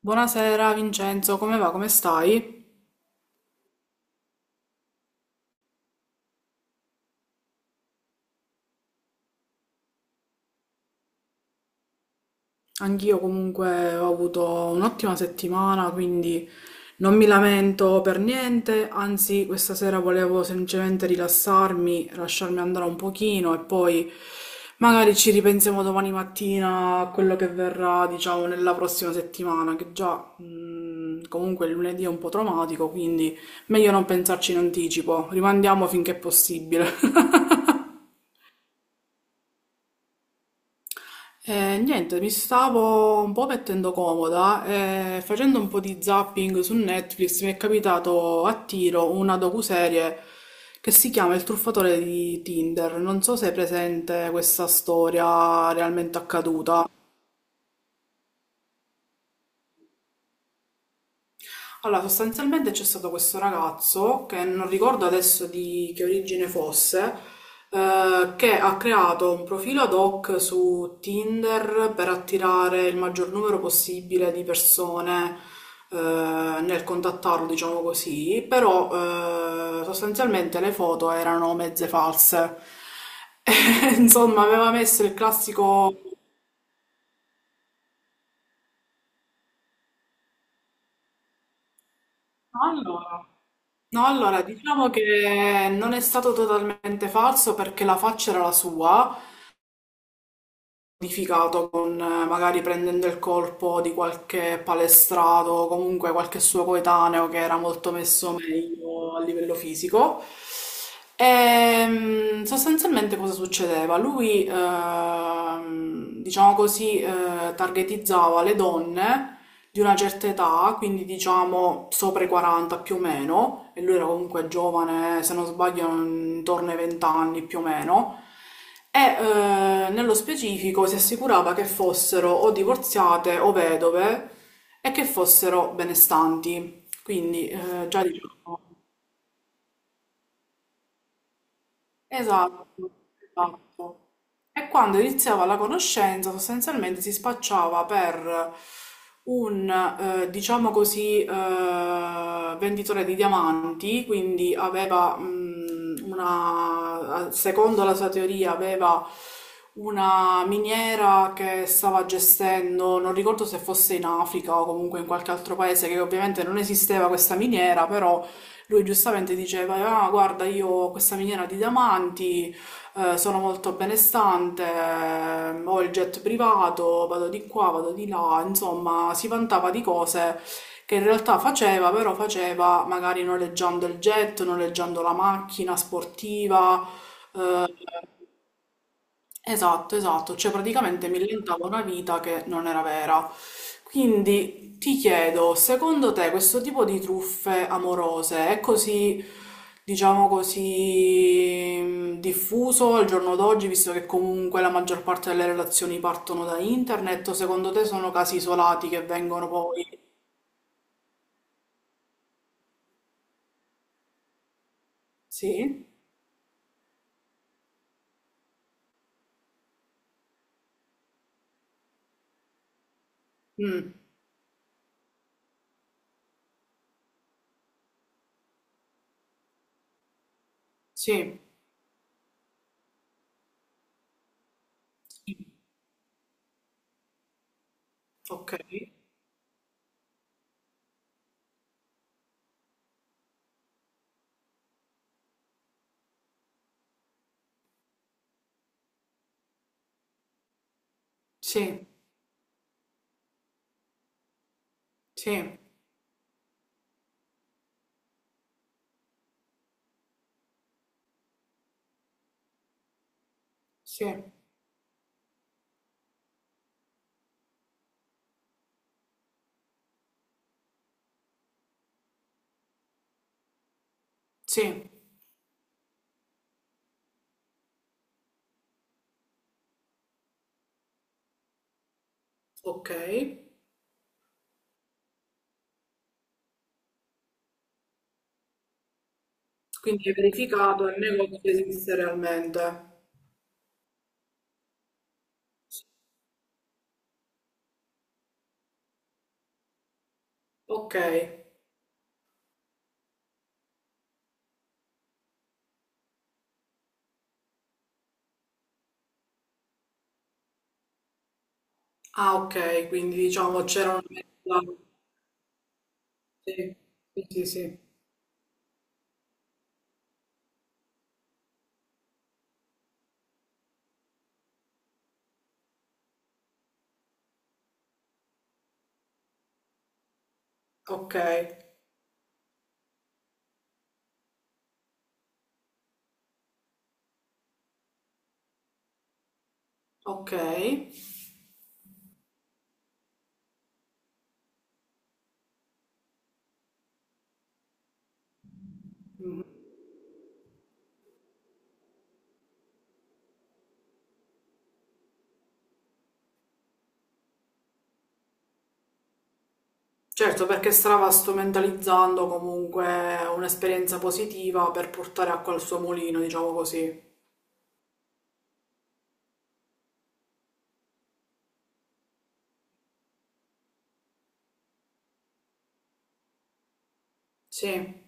Buonasera Vincenzo, come va? Come stai? Anch'io comunque ho avuto un'ottima settimana, quindi non mi lamento per niente, anzi questa sera volevo semplicemente rilassarmi, lasciarmi andare un pochino e poi magari ci ripensiamo domani mattina a quello che verrà, diciamo, nella prossima settimana, che già comunque il lunedì è un po' traumatico, quindi meglio non pensarci in anticipo, rimandiamo finché è possibile. Niente, mi stavo un po' mettendo comoda e facendo un po' di zapping su Netflix mi è capitato a tiro una docuserie che si chiama Il truffatore di Tinder. Non so se è presente questa storia realmente accaduta. Allora, sostanzialmente c'è stato questo ragazzo, che non ricordo adesso di che origine fosse, che ha creato un profilo ad hoc su Tinder per attirare il maggior numero possibile di persone, nel contattarlo, diciamo così, però, sostanzialmente le foto erano mezze false. Insomma, aveva messo il classico... Allora, no, allora, diciamo che non è stato totalmente falso perché la faccia era la sua, modificato con magari prendendo il colpo di qualche palestrato o comunque qualche suo coetaneo che era molto messo meglio a livello fisico. E sostanzialmente cosa succedeva? Lui, diciamo così, targetizzava le donne di una certa età, quindi diciamo sopra i 40 più o meno, e lui era comunque giovane, se non sbaglio intorno ai 20 anni più o meno, e nello specifico si assicurava che fossero o divorziate o vedove e che fossero benestanti, quindi già diciamo... Esatto, esatto. E quando iniziava la conoscenza, sostanzialmente si spacciava per un, diciamo così, venditore di diamanti, quindi aveva, una, secondo la sua teoria, aveva una miniera che stava gestendo, non ricordo se fosse in Africa o comunque in qualche altro paese, che ovviamente non esisteva questa miniera, però lui giustamente diceva, ah, guarda, io ho questa miniera di diamanti, sono molto benestante, ho il jet privato, vado di qua, vado di là, insomma, si vantava di cose che in realtà faceva, però faceva magari noleggiando il jet, noleggiando la macchina sportiva. eh, esatto, esatto, cioè praticamente mi inventava una vita che non era vera. Quindi ti chiedo, secondo te questo tipo di truffe amorose è così, diciamo così, diffuso al giorno d'oggi, visto che comunque la maggior parte delle relazioni partono da internet, o secondo te sono casi isolati che vengono poi... Sì? Mm, sì. Sì. Ok. Sì, sì, sì, sì. Ok. Quindi hai verificato il negozio esiste realmente. Ok. Ah, okay, quindi diciamo c'era una mezza sì, sì, sì, sì. Okay, okay. Mh. Certo, perché stava strumentalizzando comunque un'esperienza positiva per portare acqua al suo mulino, diciamo così. Sì.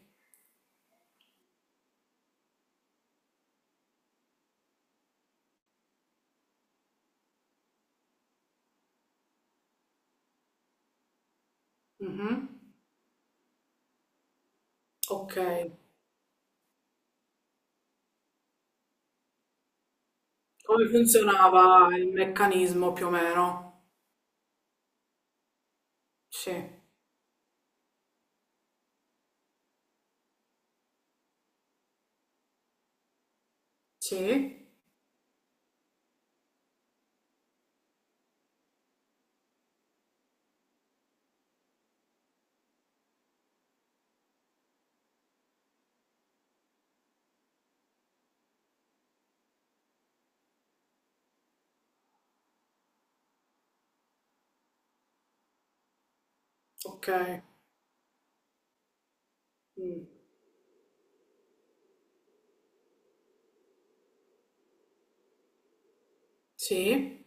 Mh-mh. Okay. Come funzionava il meccanismo più o meno? Sì. Sì. Okay. Mh. Sì.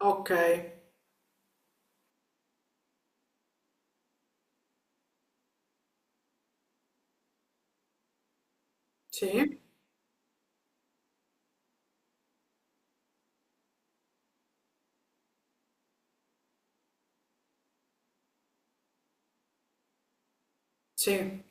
Okay. Sì. Sì.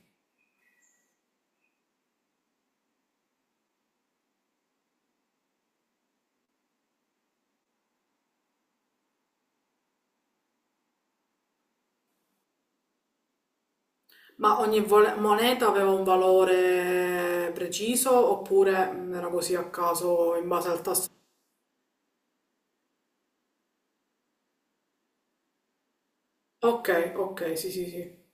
Ma ogni moneta aveva un valore preciso oppure era così a caso in base al tasso? Ok, ok, sì, sì, sì.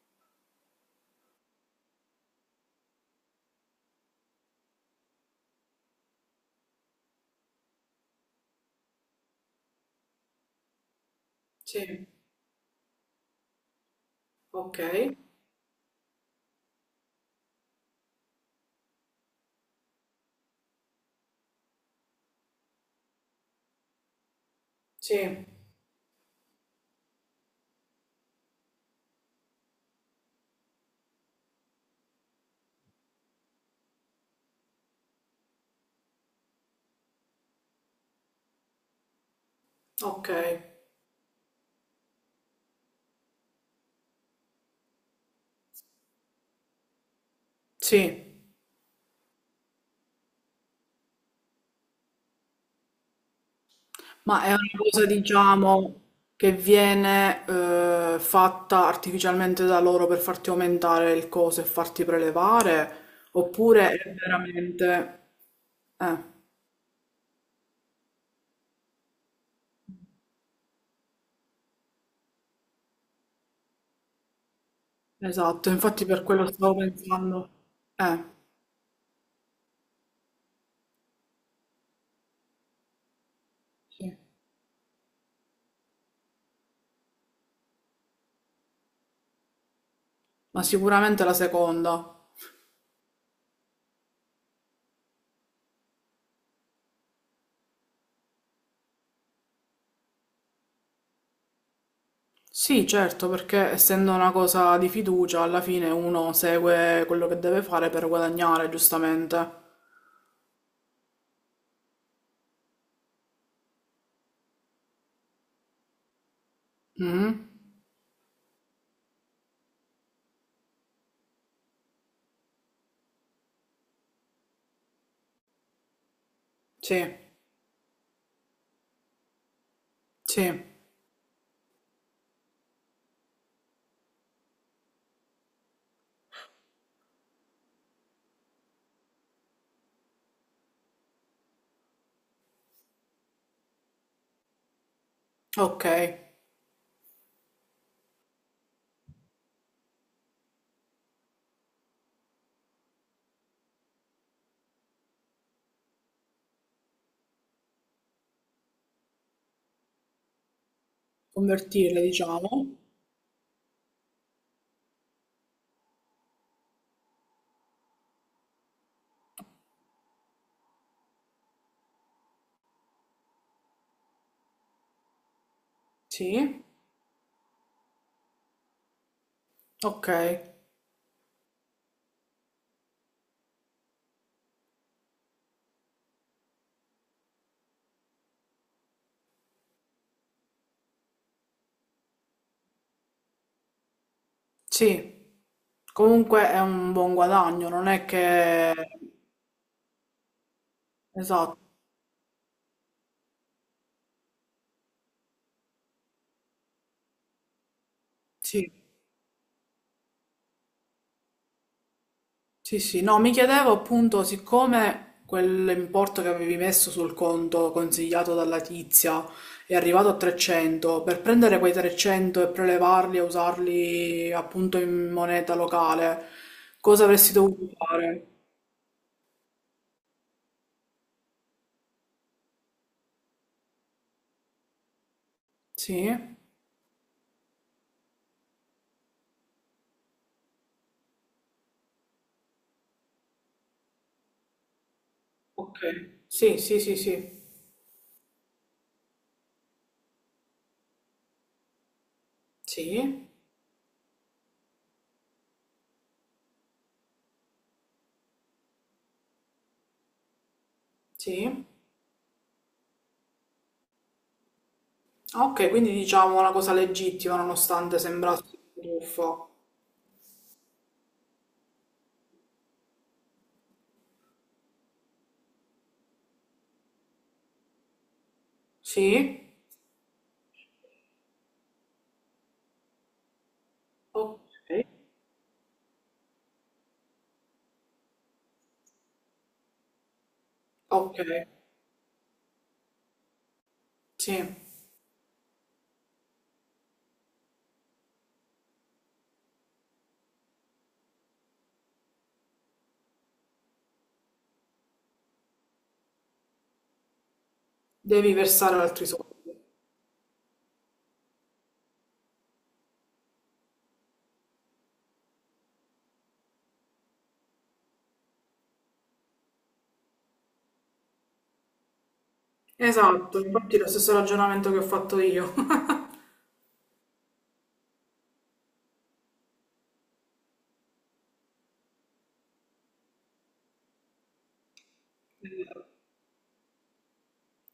Sì, ok, sì, ok, sì. Ma è una cosa, diciamo, che viene fatta artificialmente da loro per farti aumentare il coso e farti prelevare? Oppure è veramente... Eh, esatto, infatti per quello stavo pensando. Eh, sì. Ma sicuramente la seconda. Sì, certo, perché essendo una cosa di fiducia, alla fine uno segue quello che deve fare per guadagnare, giustamente. Mhm. Sì, sì, ok. Convertire, diciamo. Sì, ok. Sì, comunque è un buon guadagno, non è che... Esatto, sì. Sì, sì, no, mi chiedevo appunto, siccome quell'importo che avevi messo sul conto consigliato dalla tizia è arrivato a 300, per prendere quei 300 e prelevarli e usarli appunto in moneta locale, cosa avresti dovuto fare? Sì, ok, sì, sì, sì, sì, sì, sì. Ah, ok, quindi diciamo una cosa legittima nonostante sembrasse un buffo. Sì, ok, ok, sì. Devi versare altri soldi. Esatto, infatti è lo stesso ragionamento che ho fatto io.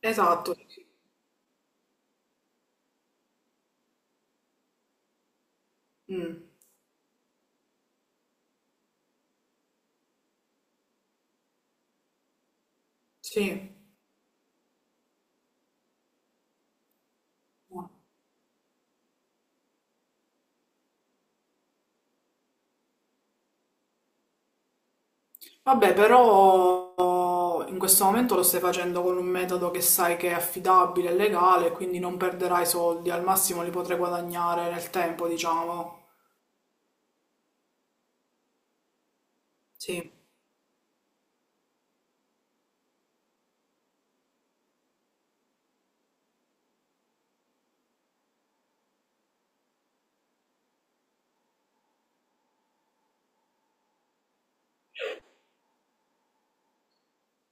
Esatto. Mm, sì. Vabbè, però in questo momento lo stai facendo con un metodo che sai che è affidabile e legale, quindi non perderai soldi, al massimo li potrai guadagnare nel tempo, diciamo. Sì.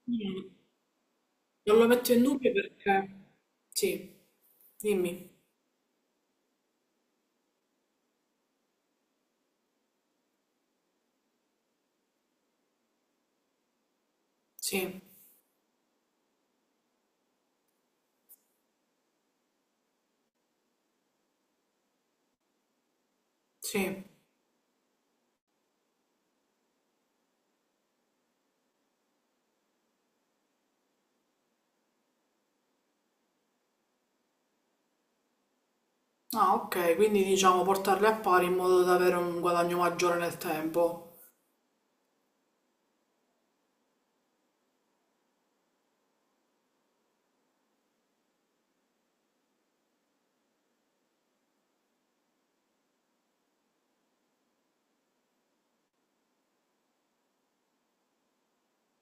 Mm, Non lo metto in dubbio perché... Sì, dimmi. Sì, sì. Ah, ok, quindi diciamo portarli a pari in modo da avere un guadagno maggiore nel tempo.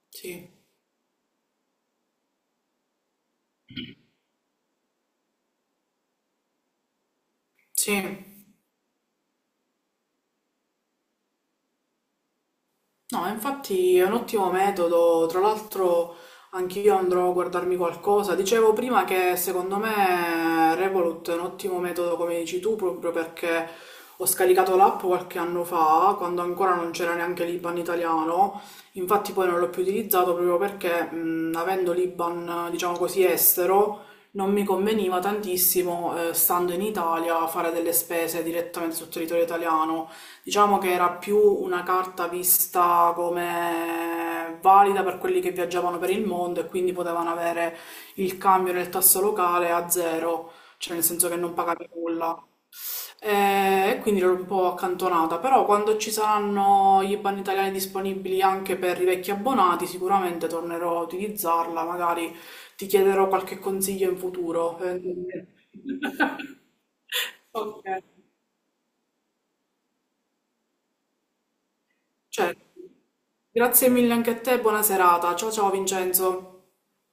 Sì. Sì, no, infatti è un ottimo metodo, tra l'altro anch'io andrò a guardarmi qualcosa. Dicevo prima che secondo me Revolut è un ottimo metodo, come dici tu, proprio perché ho scaricato l'app qualche anno fa, quando ancora non c'era neanche l'IBAN italiano, infatti poi non l'ho più utilizzato proprio perché, avendo l'IBAN, diciamo così, estero, non mi conveniva tantissimo, stando in Italia, fare delle spese direttamente sul territorio italiano. Diciamo che era più una carta vista come valida per quelli che viaggiavano per il mondo e quindi potevano avere il cambio del tasso locale a zero, cioè nel senso che non pagavi nulla. E quindi l'ho un po' accantonata, però quando ci saranno gli IBAN italiani disponibili anche per i vecchi abbonati, sicuramente tornerò a utilizzarla, magari ti chiederò qualche consiglio in futuro. Ok. Certo. Grazie mille anche a te, buona serata. Ciao ciao Vincenzo.